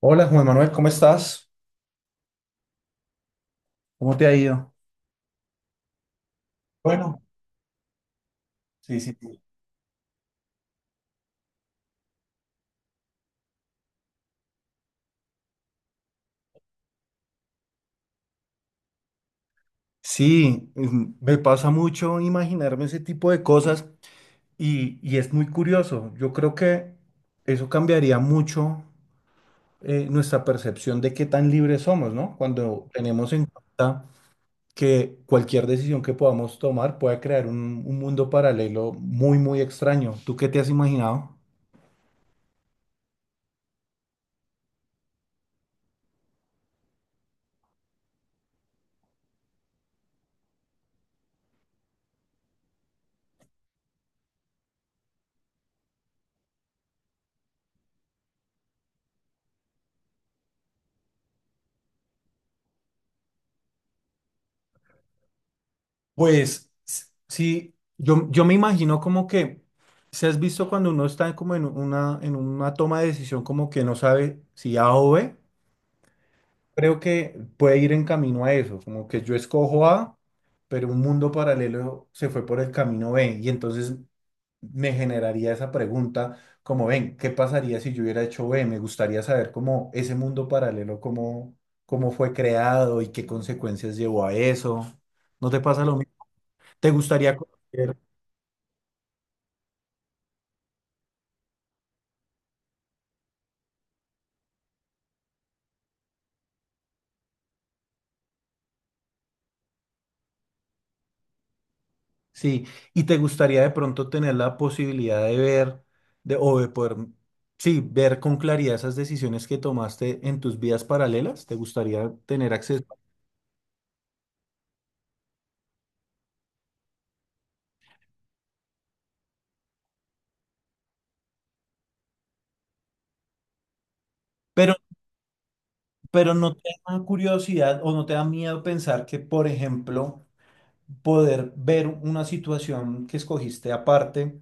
Hola Juan Manuel, ¿cómo estás? ¿Cómo te ha ido? Bueno, sí, sí, sí. Sí, me pasa mucho imaginarme ese tipo de cosas y es muy curioso. Yo creo que eso cambiaría mucho, nuestra percepción de qué tan libres somos, ¿no? Cuando tenemos en cuenta que cualquier decisión que podamos tomar puede crear un mundo paralelo muy, muy extraño. ¿Tú qué te has imaginado? Pues sí, yo me imagino como que, si has visto cuando uno está como en en una toma de decisión, como que no sabe si A o B, creo que puede ir en camino a eso, como que yo escojo A, pero un mundo paralelo se fue por el camino B. Y entonces me generaría esa pregunta como, ven, ¿qué pasaría si yo hubiera hecho B? Me gustaría saber cómo ese mundo paralelo, cómo, cómo fue creado y qué consecuencias llevó a eso. ¿No te pasa lo mismo? ¿Te gustaría conocer? Sí, y te gustaría de pronto tener la posibilidad de ver, de, o de poder, sí, ver con claridad esas decisiones que tomaste en tus vidas paralelas. ¿Te gustaría tener acceso? Pero, pero no te da curiosidad o no te da miedo pensar que, por ejemplo, poder ver una situación que escogiste aparte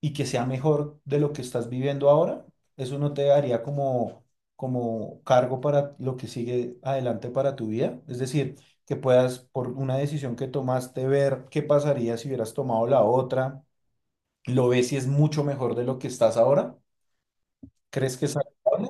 y que sea mejor de lo que estás viviendo ahora, eso no te daría como, como cargo para lo que sigue adelante para tu vida. Es decir, que puedas, por una decisión que tomaste, ver qué pasaría si hubieras tomado la otra, lo ves y es mucho mejor de lo que estás ahora. ¿Crees que es saludable?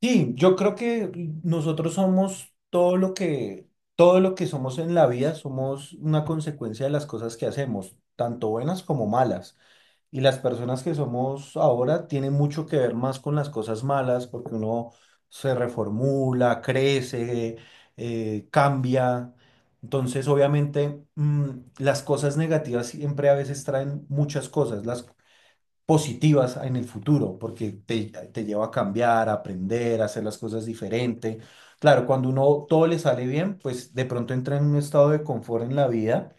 Sí, yo creo que nosotros somos todo lo todo lo que somos en la vida, somos una consecuencia de las cosas que hacemos, tanto buenas como malas. Y las personas que somos ahora tienen mucho que ver más con las cosas malas, porque uno se reformula, crece, cambia. Entonces, obviamente, las cosas negativas siempre a veces traen muchas cosas. Las positivas en el futuro, porque te lleva a cambiar, a aprender, a hacer las cosas diferente. Claro, cuando uno todo le sale bien, pues de pronto entra en un estado de confort en la vida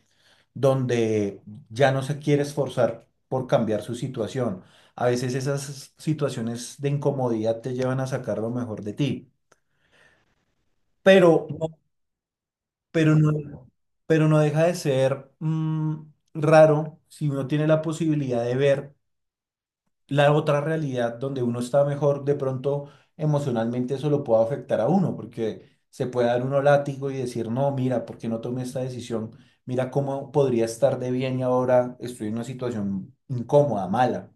donde ya no se quiere esforzar por cambiar su situación. A veces esas situaciones de incomodidad te llevan a sacar lo mejor de ti, pero, no, pero no, pero no deja de ser raro. Si uno tiene la posibilidad de ver la otra realidad donde uno está mejor, de pronto emocionalmente eso lo puede afectar a uno, porque se puede dar uno látigo y decir, no, mira, ¿por qué no tomé esta decisión? Mira cómo podría estar de bien y ahora estoy en una situación incómoda, mala.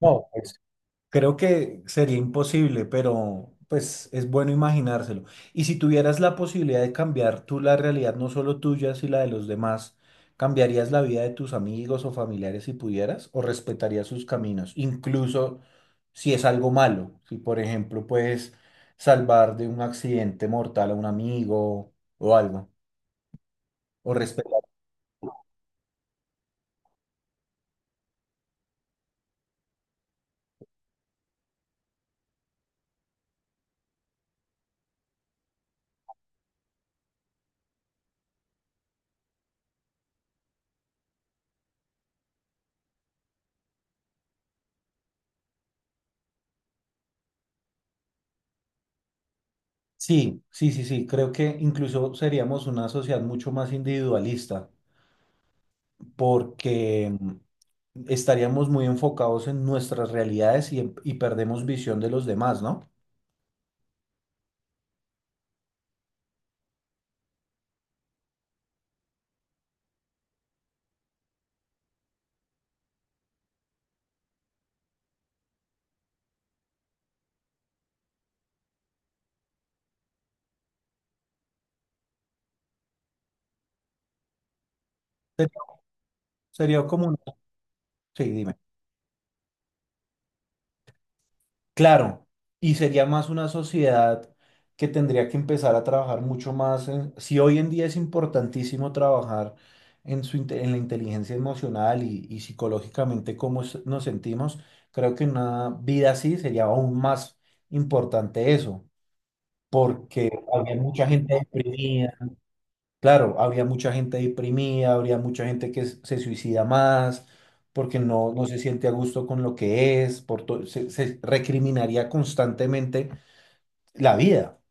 No, creo que sería imposible, pero pues es bueno imaginárselo. Y si tuvieras la posibilidad de cambiar tú la realidad, no solo tuya, sino la de los demás, ¿cambiarías la vida de tus amigos o familiares si pudieras? ¿O respetarías sus caminos? Incluso si es algo malo, si por ejemplo puedes salvar de un accidente mortal a un amigo o algo, o respetar. Sí, sí, sí, sí, creo que incluso seríamos una sociedad mucho más individualista, porque estaríamos muy enfocados en nuestras realidades y perdemos visión de los demás, ¿no? Sería, sería como una... Sí, dime. Claro, y sería más una sociedad que tendría que empezar a trabajar mucho más en... Si hoy en día es importantísimo trabajar en la inteligencia emocional y psicológicamente cómo nos sentimos, creo que en una vida así sería aún más importante eso, porque había mucha gente deprimida. Claro, habría mucha gente deprimida, habría mucha gente que se suicida más, porque no, no se siente a gusto con lo que es, por se recriminaría constantemente la vida.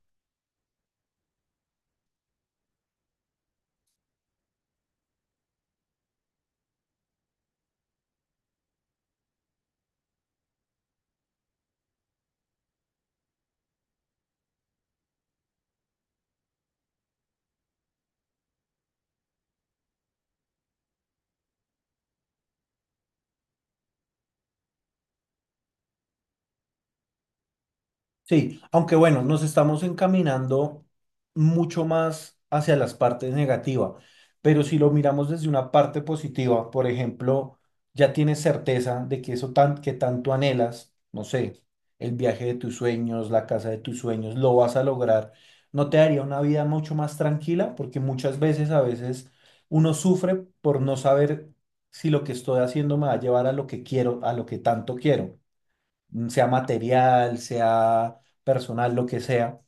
Sí, aunque bueno, nos estamos encaminando mucho más hacia las partes negativas, pero si lo miramos desde una parte positiva, por ejemplo, ya tienes certeza de que eso tan, que tanto anhelas, no sé, el viaje de tus sueños, la casa de tus sueños, lo vas a lograr, ¿no te daría una vida mucho más tranquila? Porque muchas veces, a veces, uno sufre por no saber si lo que estoy haciendo me va a llevar a lo que quiero, a lo que tanto quiero, sea material, sea personal, lo que sea,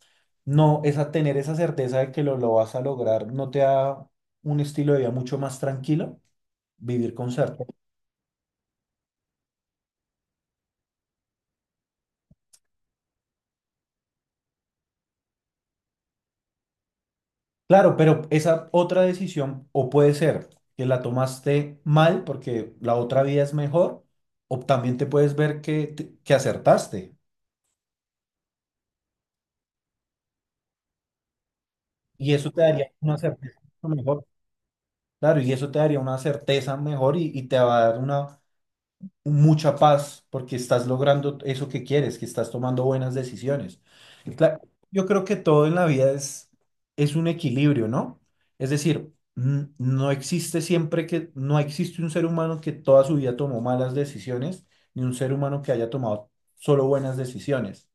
no, esa, tener esa certeza de que lo vas a lograr no te da un estilo de vida mucho más tranquilo, vivir con certeza. Claro, pero esa otra decisión, o puede ser que la tomaste mal porque la otra vida es mejor, o también te puedes ver que, que acertaste y eso te daría una certeza mucho mejor. Claro, y eso te daría una certeza mejor y te va a dar una mucha paz porque estás logrando eso que quieres, que estás tomando buenas decisiones. Cla- yo creo que todo en la vida es un equilibrio, ¿no? Es decir, no existe siempre que, no existe un ser humano que toda su vida tomó malas decisiones, ni un ser humano que haya tomado solo buenas decisiones.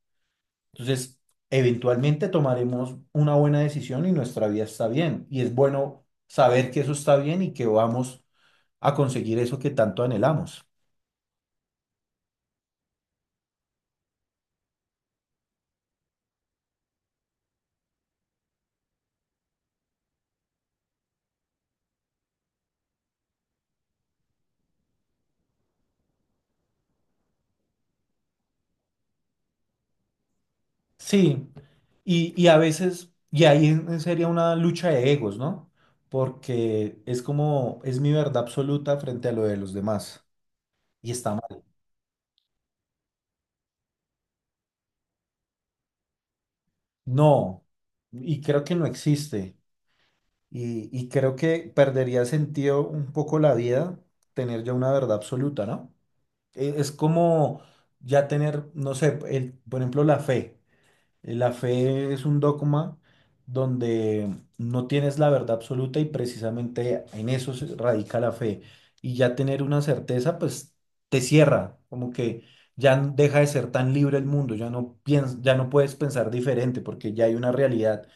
Entonces, eventualmente tomaremos una buena decisión y nuestra vida está bien. Y es bueno saber que eso está bien y que vamos a conseguir eso que tanto anhelamos. Sí, y a veces, sería una lucha de egos, ¿no? Porque es como, es mi verdad absoluta frente a lo de los demás, y está mal. No, y creo que no existe, y creo que perdería sentido un poco la vida tener ya una verdad absoluta, ¿no? Es como ya tener, no sé, el, por ejemplo, la fe. La fe es un dogma donde no tienes la verdad absoluta y precisamente en eso se radica la fe. Y ya tener una certeza, pues te cierra, como que ya deja de ser tan libre el mundo, ya ya no puedes pensar diferente porque ya hay una realidad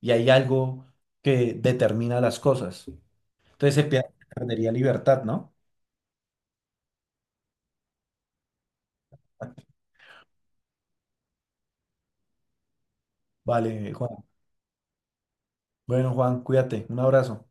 y hay algo que determina las cosas. Entonces se pier- Perdería libertad, ¿no? Vale, Juan. Bueno, Juan, cuídate. Un abrazo.